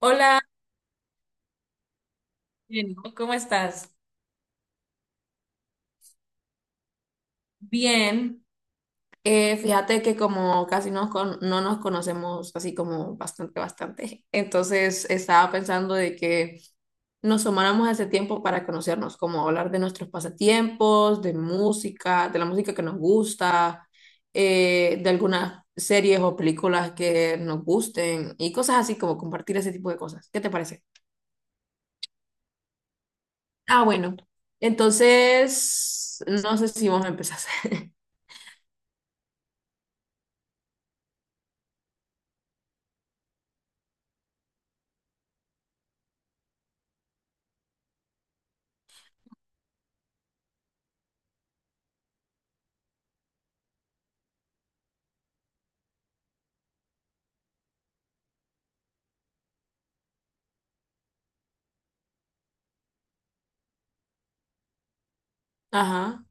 Hola, Jenny, ¿cómo estás? Bien, fíjate que como casi no nos conocemos así como bastante, bastante, entonces estaba pensando de que nos tomáramos ese tiempo para conocernos, como hablar de nuestros pasatiempos, de música, de la música que nos gusta, de algunas series o películas que nos gusten y cosas así como compartir ese tipo de cosas. ¿Qué te parece? Ah, bueno, entonces no sé si vamos a empezar. Ajá.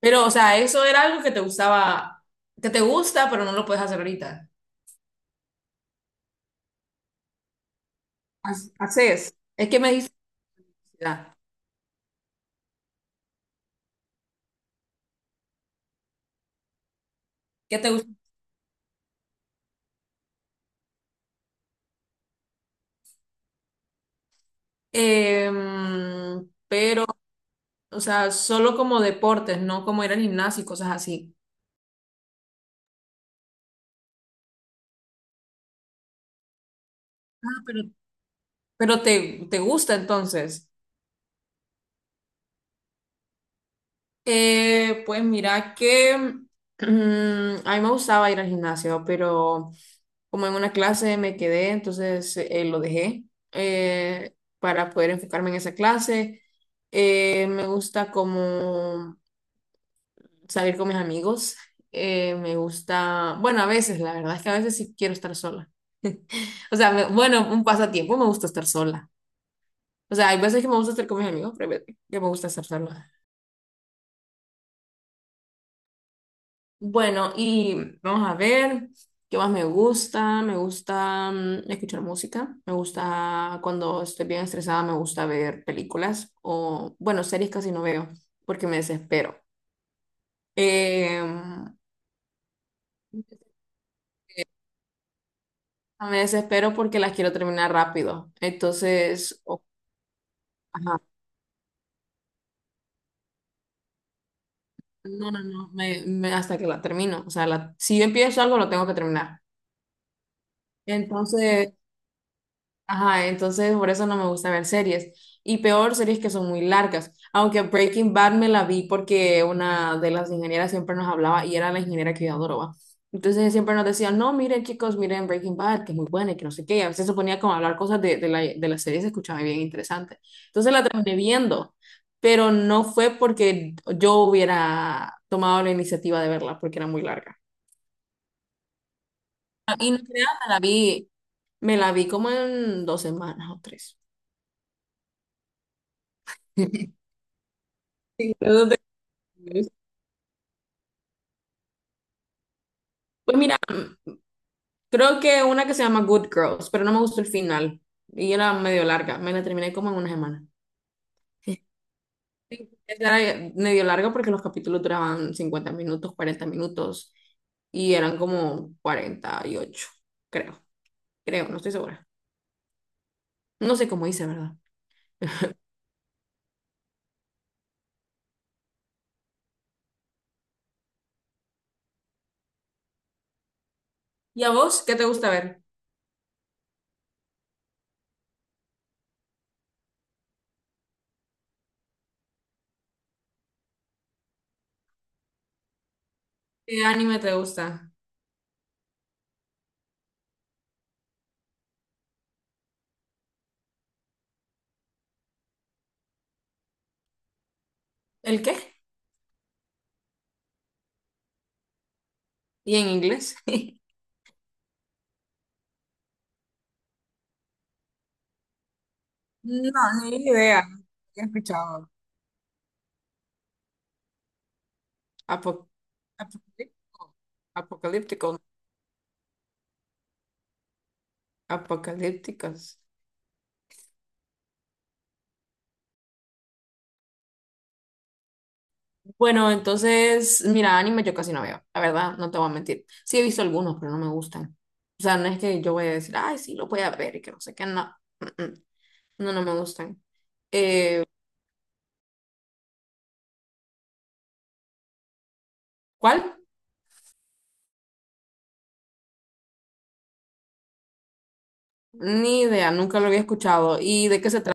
Pero, o sea, eso era algo que te gustaba, que te gusta, pero no lo puedes hacer ahorita. Haces. Es que me dices ah, ¿qué te gusta? Pero, o sea, solo como deportes, no como ir al gimnasio y cosas así. Ah, pero te gusta entonces. Pues mira que a mí me gustaba ir al gimnasio, pero como en una clase me quedé, entonces lo dejé eh, para poder enfocarme en esa clase. Me gusta como salir con mis amigos. Me gusta, bueno, a veces, la verdad es que a veces sí quiero estar sola. O sea, bueno, un pasatiempo me gusta estar sola. O sea, hay veces que me gusta estar con mis amigos, pero hay veces que me gusta estar sola. Bueno, y vamos a ver qué más me gusta. Me gusta escuchar música. Me gusta cuando estoy bien estresada, me gusta ver películas o, bueno, series casi no veo porque me desespero. Eh, Me desespero porque las quiero terminar rápido. Entonces, o- ajá, no, no, no, me- hasta que la termino. O sea, la- si yo empiezo algo, lo tengo que terminar. Entonces, ajá, entonces por eso no me gusta ver series. Y peor, series que son muy largas. Aunque Breaking Bad me la vi porque una de las ingenieras siempre nos hablaba y era la ingeniera que yo adoraba. Entonces siempre nos decía, no, miren chicos, miren Breaking Bad, que es muy buena y que no sé qué. Y a veces se ponía como a hablar cosas de la serie, se escuchaba bien interesante. Entonces la terminé viendo, pero no fue porque yo hubiera tomado la iniciativa de verla porque era muy larga. Y no creas, me la vi como en dos semanas o tres. Sí, luego pues mira, creo que una que se llama Good Girls, pero no me gustó el final. Y era medio larga. Me la terminé como en una semana. Sí, esa era medio larga porque los capítulos duraban 50 minutos, 40 minutos. Y eran como 48, creo. Creo, no estoy segura. No sé cómo hice, ¿verdad? ¿Y a vos qué te gusta ver? ¿Qué anime te gusta? ¿El qué? ¿Y en inglés? No, ni idea. He escuchado. Apo- Apocalíptico. Apocalíptico. Apocalípticas. Bueno, entonces, mira, anime yo casi no veo, la verdad, no te voy a mentir. Sí he visto algunos, pero no me gustan. O sea, no es que yo voy a decir, ay, sí, lo voy a ver y que no sé qué, no. Mm, mm. No, no me gustan. Eh, ¿Cuál? Ni idea, nunca lo había escuchado. ¿Y de qué se trata?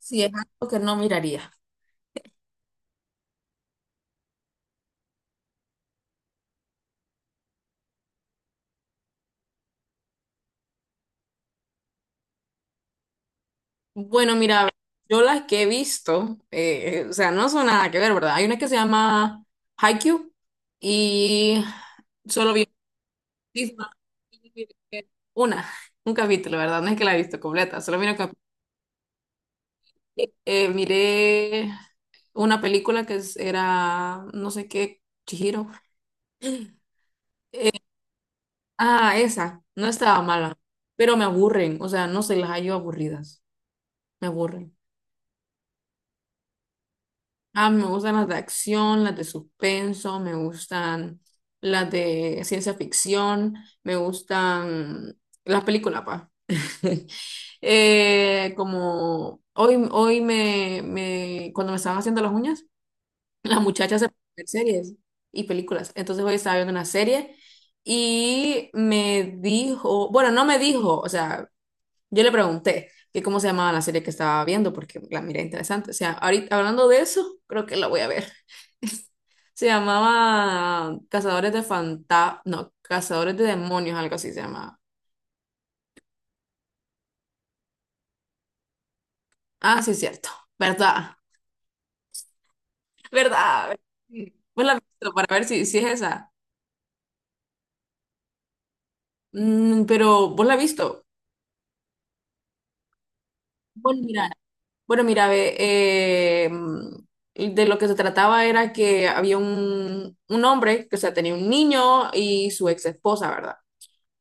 Si es algo que no miraría. Bueno, mira, yo las que he visto, o sea, no son nada que ver, ¿verdad? Hay una que se llama Haikyuu y solo vi misma. Una, un capítulo, ¿verdad? No es que la he visto completa, solo cap- miré una película era, no sé qué, Chihiro. Ah, esa, no estaba mala, pero me aburren, o sea, no se las hallo aburridas, me aburren. Ah, me gustan las de acción, las de suspenso, me gustan las de ciencia ficción, me gustan las películas, pa. Como hoy cuando me estaban haciendo las uñas, las muchachas se ponen a ver series y películas. Entonces hoy estaba viendo una serie y me dijo, bueno, no me dijo, o sea, yo le pregunté que cómo se llamaba la serie que estaba viendo, porque la miré interesante. O sea, ahorita hablando de eso, creo que la voy a ver. Se llamaba Cazadores de fanta no, Cazadores de Demonios, algo así se llamaba. Ah, sí, es cierto. ¿Verdad? ¿Verdad? ¿Vos la has visto para ver si es esa? Mm, pero, ¿vos la has visto? Bueno, mira, bueno, mira, ve, de lo que se trataba era que había un hombre que, o sea, tenía un niño y su ex esposa, ¿verdad?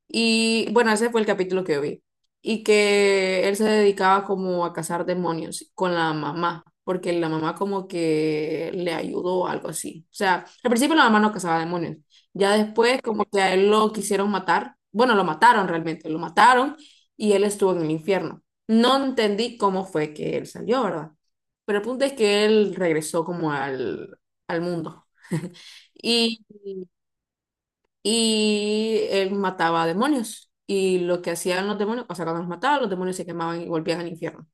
Y bueno, ese fue el capítulo que yo vi. Y que él se dedicaba como a cazar demonios con la mamá, porque la mamá como que le ayudó o algo así. O sea, al principio la mamá no cazaba demonios. Ya después como que a él lo quisieron matar. Bueno, lo mataron realmente, lo mataron y él estuvo en el infierno. No entendí cómo fue que él salió, ¿verdad? Pero el punto es que él regresó como al mundo y él mataba demonios. Y lo que hacían los demonios, o sea, cuando los mataban, los demonios se quemaban y volvían al infierno.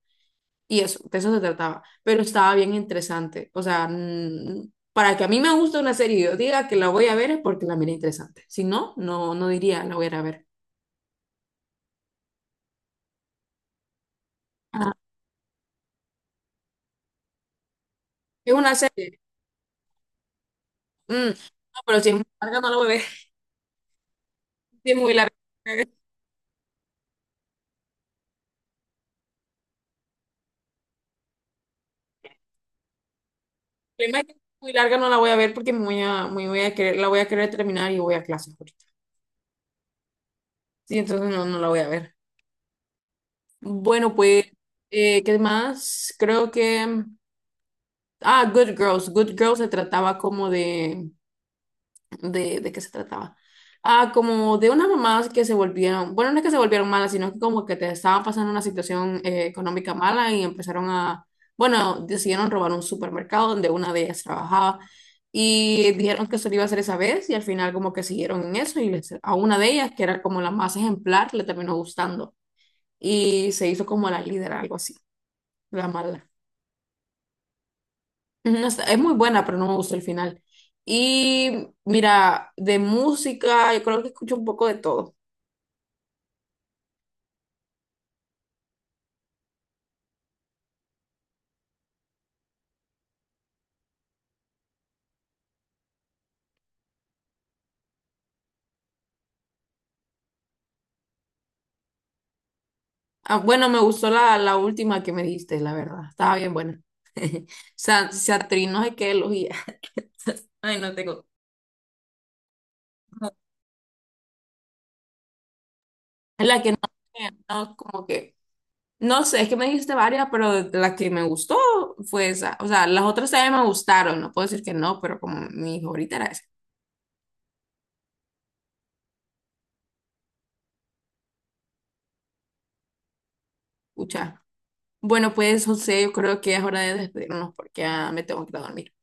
Y eso, de eso se trataba. Pero estaba bien interesante. O sea, para que a mí me guste una serie y yo diga que la voy a ver es porque la miré interesante. Si no, no diría la voy a ir a ver. Ajá. Es una serie. Mm, no, pero si es muy larga, no la voy a ver. Si es muy larga. El problema es que si es muy larga, no la voy a ver porque me voy a la voy a querer terminar y voy a clases ahorita. Sí, entonces no, no la voy a ver. Bueno, pues, ¿qué más? Creo que... ah, Good Girls. Good Girls se trataba como de... de qué se trataba? Ah, como de unas mamás que se volvieron... Bueno, no es que se volvieron malas, sino que como que te estaban pasando una situación económica mala y empezaron a... Bueno, decidieron robar un supermercado donde una de ellas trabajaba y dijeron que eso lo iba a hacer esa vez y al final como que siguieron en eso y les- a una de ellas, que era como la más ejemplar, le terminó gustando y se hizo como la líder, algo así. La mala. No está- es muy buena, pero no me gustó el final. Y mira, de música, yo creo que escucho un poco de todo. Ah, bueno, me gustó la última que me diste, la verdad. Estaba bien buena. Satrin, no sé qué elegía. Ay, no tengo. Es la que no, como que. No sé, es que me dijiste varias, pero la que me gustó fue esa. O sea, las otras también me gustaron. No puedo decir que no, pero como mi favorita era esa. Escucha. Bueno, pues José, yo creo que es hora de despedirnos porque ya me tengo que ir a dormir.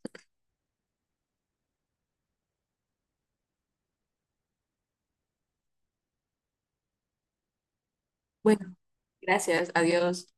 Bueno, gracias. Adiós.